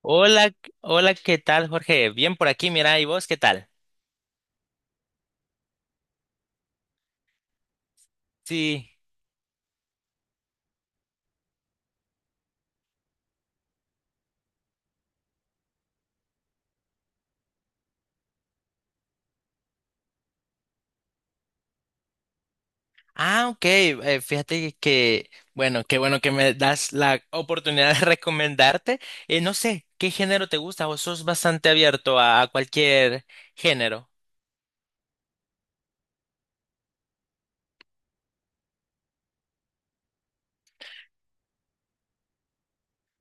Hola, hola, ¿qué tal, Jorge? Bien por aquí, mira, ¿y vos qué tal? Sí. Ah, ok, fíjate que, bueno, qué bueno que me das la oportunidad de recomendarte. No sé, ¿qué género te gusta? ¿O sos bastante abierto a, cualquier género?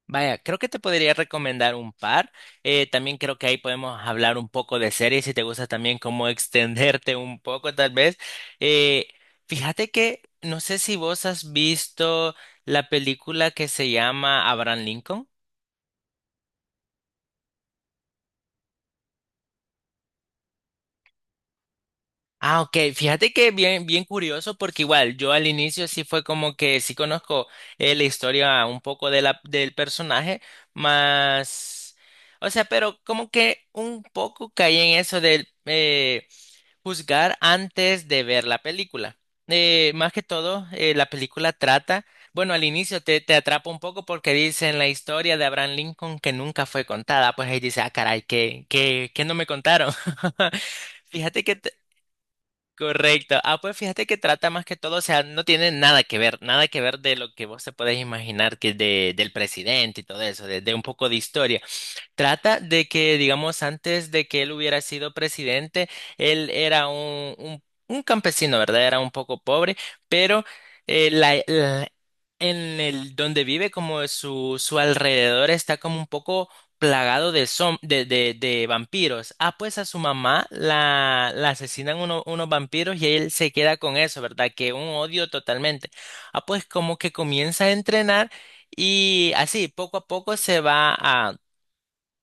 Vaya, creo que te podría recomendar un par. También creo que ahí podemos hablar un poco de series si te gusta también cómo extenderte un poco tal vez. Eh, fíjate que no sé si vos has visto la película que se llama Abraham Lincoln. Ah, ok. Fíjate que bien, bien curioso porque igual yo al inicio sí fue como que sí conozco la historia un poco de del personaje, más. O sea, pero como que un poco caí en eso del juzgar antes de ver la película. Más que todo, la película trata, bueno, al inicio te, atrapa un poco porque dicen la historia de Abraham Lincoln que nunca fue contada, pues ahí dice: ah, caray, ¿qué no me contaron? Fíjate que, correcto. Ah, pues fíjate que trata más que todo, o sea, no tiene nada que ver, nada que ver de lo que vos te podés imaginar que de, del presidente y todo eso, de, un poco de historia. Trata de que, digamos, antes de que él hubiera sido presidente, él era un, campesino, ¿verdad? Era un poco pobre, pero eh, la, la- en el donde vive, como su, alrededor está como un poco plagado de, de vampiros. Ah, pues a su mamá la, asesinan unos vampiros y él se queda con eso, ¿verdad? Que un odio totalmente. Ah, pues como que comienza a entrenar y así, poco a poco se va a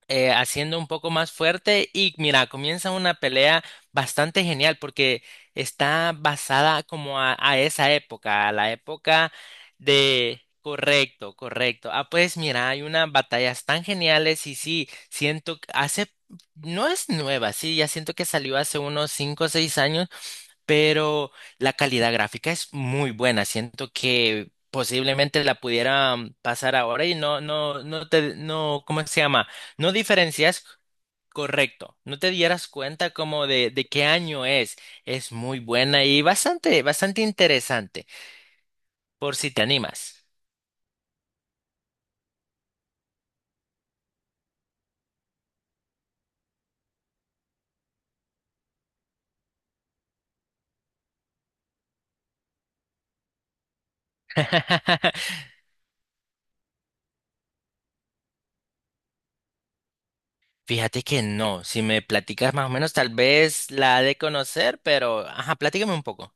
haciendo un poco más fuerte y mira, comienza una pelea bastante genial porque está basada como a, esa época, a la época de. Correcto, correcto. Ah, pues mira, hay unas batallas tan geniales y sí, siento que hace, no es nueva, sí, ya siento que salió hace unos 5 o 6 años, pero la calidad gráfica es muy buena. Siento que posiblemente la pudiera pasar ahora y no, ¿cómo se llama? No diferencias, correcto. No te dieras cuenta como de, qué año es. Es muy buena y bastante, bastante interesante, por si te animas. Fíjate que no, si me platicas más o menos, tal vez la ha de conocer, pero ajá, platícame un poco.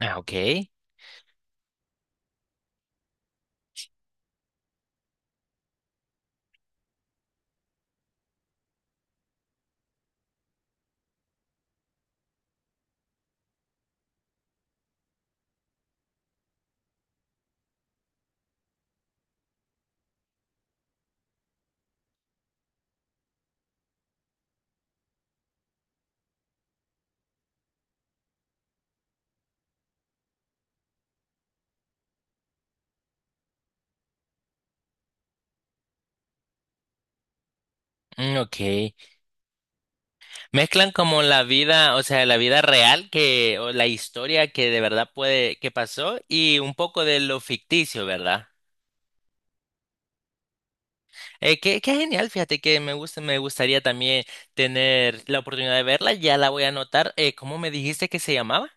Ah, ok. Mm, ok. Mezclan como la vida, o sea, la vida real que, o la historia que de verdad puede, que pasó y un poco de lo ficticio, ¿verdad? Qué, genial, fíjate que me gusta, me gustaría también tener la oportunidad de verla, ya la voy a anotar. ¿Cómo me dijiste que se llamaba?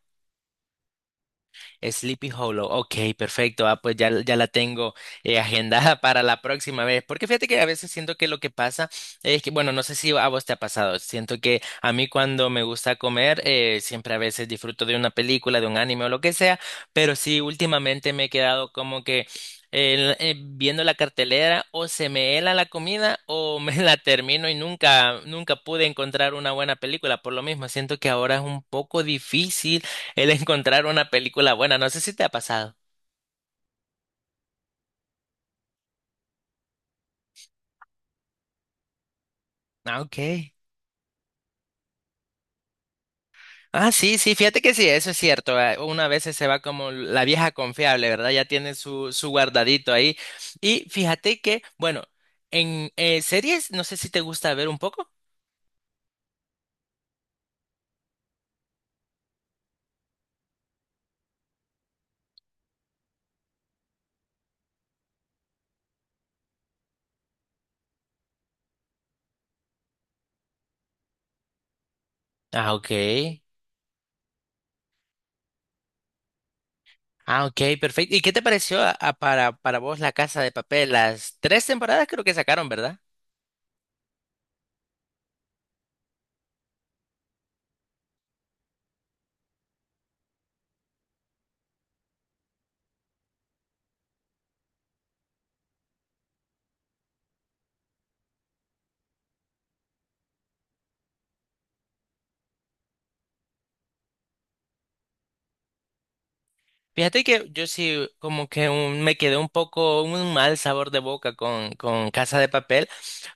Sleepy Hollow. Ok, perfecto. Ah, pues ya, la tengo agendada para la próxima vez. Porque fíjate que a veces siento que lo que pasa es que, bueno, no sé si a vos te ha pasado. Siento que a mí cuando me gusta comer, siempre a veces disfruto de una película, de un anime o lo que sea. Pero sí, últimamente me he quedado como que viendo la cartelera o se me hela la comida o me la termino y nunca, nunca pude encontrar una buena película. Por lo mismo, siento que ahora es un poco difícil el encontrar una película buena. No sé si te ha pasado. Ah, ok. Ah, sí, sí, fíjate que sí, eso es cierto. Uno a veces se va como la vieja confiable, ¿verdad? Ya tiene su, guardadito ahí. Y fíjate que, bueno, en series, no sé si te gusta ver un poco. Ah, ok. Ah, ok, perfecto. ¿Y qué te pareció para vos La Casa de Papel? Las tres temporadas creo que sacaron, ¿verdad? Fíjate que yo sí como que me quedé un poco un mal sabor de boca con, Casa de Papel.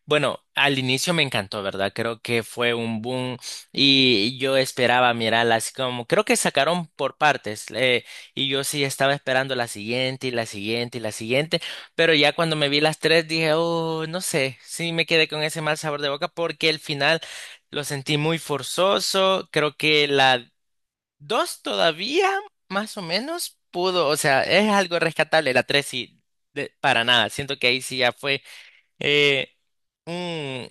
Bueno, al inicio me encantó, ¿verdad? Creo que fue un boom y yo esperaba mirarla así como, creo que sacaron por partes, y yo sí estaba esperando la siguiente y la siguiente y la siguiente, pero ya cuando me vi las tres dije: oh, no sé, sí me quedé con ese mal sabor de boca porque el final lo sentí muy forzoso, creo que la. Dos todavía, más o menos, pudo, o sea, es algo rescatable. La tres sí, para nada. Siento que ahí sí ya fue. Eh, mm,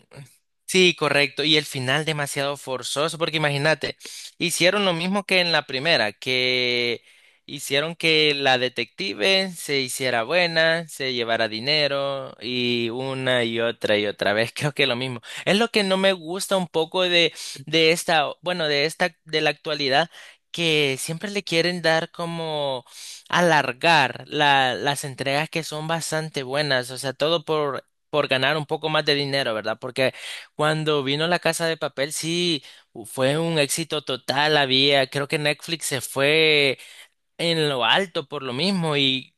sí, correcto. Y el final demasiado forzoso, porque imagínate, hicieron lo mismo que en la primera, que hicieron que la detective se hiciera buena, se llevara dinero y una y otra vez. Creo que lo mismo. Es lo que no me gusta un poco bueno, de la actualidad, que siempre le quieren dar como alargar las entregas que son bastante buenas, o sea, todo por ganar un poco más de dinero, ¿verdad? Porque cuando vino La Casa de Papel, sí, fue un éxito total, había, creo que Netflix se fue en lo alto por lo mismo, y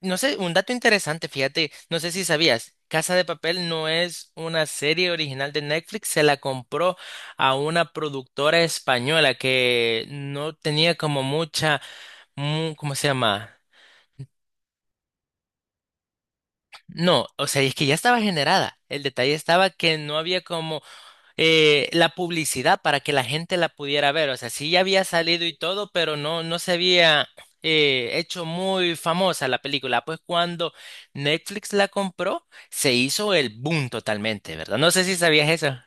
no sé, un dato interesante, fíjate, no sé si sabías, Casa de Papel no es una serie original de Netflix, se la compró a una productora española que no tenía como mucha, ¿cómo se llama? No, o sea, es que ya estaba generada. El detalle estaba que no había como la publicidad para que la gente la pudiera ver. O sea, sí ya había salido y todo, pero no se había hecho muy famosa la película. Pues cuando Netflix la compró, se hizo el boom totalmente, ¿verdad? No sé si sabías eso.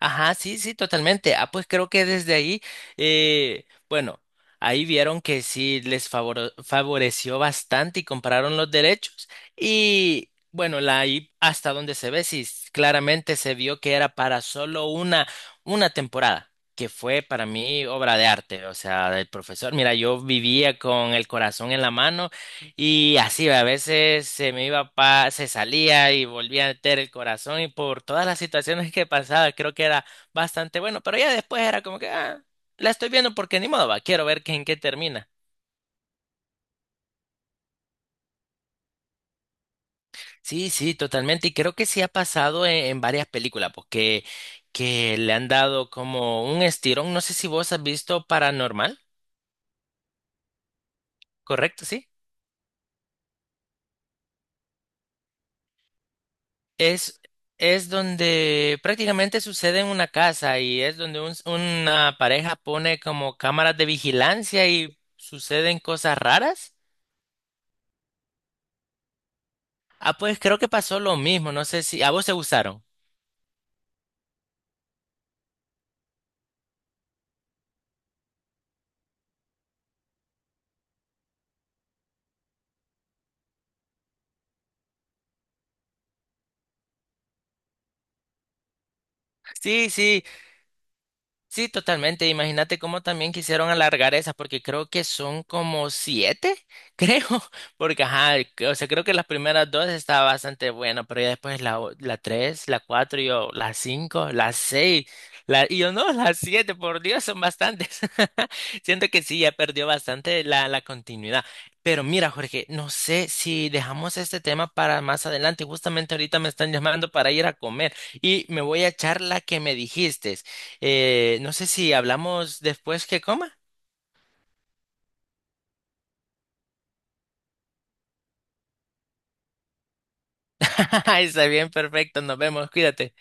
Ajá, sí, sí, totalmente. Ah, pues creo que desde ahí, bueno, ahí vieron que sí les favoreció bastante y compararon los derechos, y bueno, la ahí hasta donde se ve, sí, claramente se vio que era para solo una, temporada, que fue para mí obra de arte, o sea, del profesor. Mira, yo vivía con el corazón en la mano y así, a veces se me iba se salía y volvía a meter el corazón y por todas las situaciones que pasaba, creo que era bastante bueno, pero ya después era como que, ah, la estoy viendo porque ni modo, va, quiero ver en qué termina. Sí, sí, totalmente, y creo que sí ha pasado en, varias películas, porque que le han dado como un estirón, no sé si vos has visto Paranormal, ¿correcto? Sí. Es, es donde prácticamente sucede en una casa y es donde una pareja pone como cámaras de vigilancia y suceden cosas raras. Ah, pues creo que pasó lo mismo, no sé si a vos te gustaron. Sí, sí, sí, totalmente. Imagínate cómo también quisieron alargar esas, porque creo que son como siete, creo, porque ajá, o sea, creo que las primeras dos estaba bastante bueno, pero ya después la tres, la cuatro, y yo, la cinco, la seis, y yo no, las siete, por Dios, son bastantes. Siento que sí, ya perdió bastante la, continuidad. Pero mira, Jorge, no sé si dejamos este tema para más adelante. Justamente ahorita me están llamando para ir a comer y me voy a echar la que me dijiste. No sé si hablamos después que coma. Está bien, perfecto. Nos vemos. Cuídate.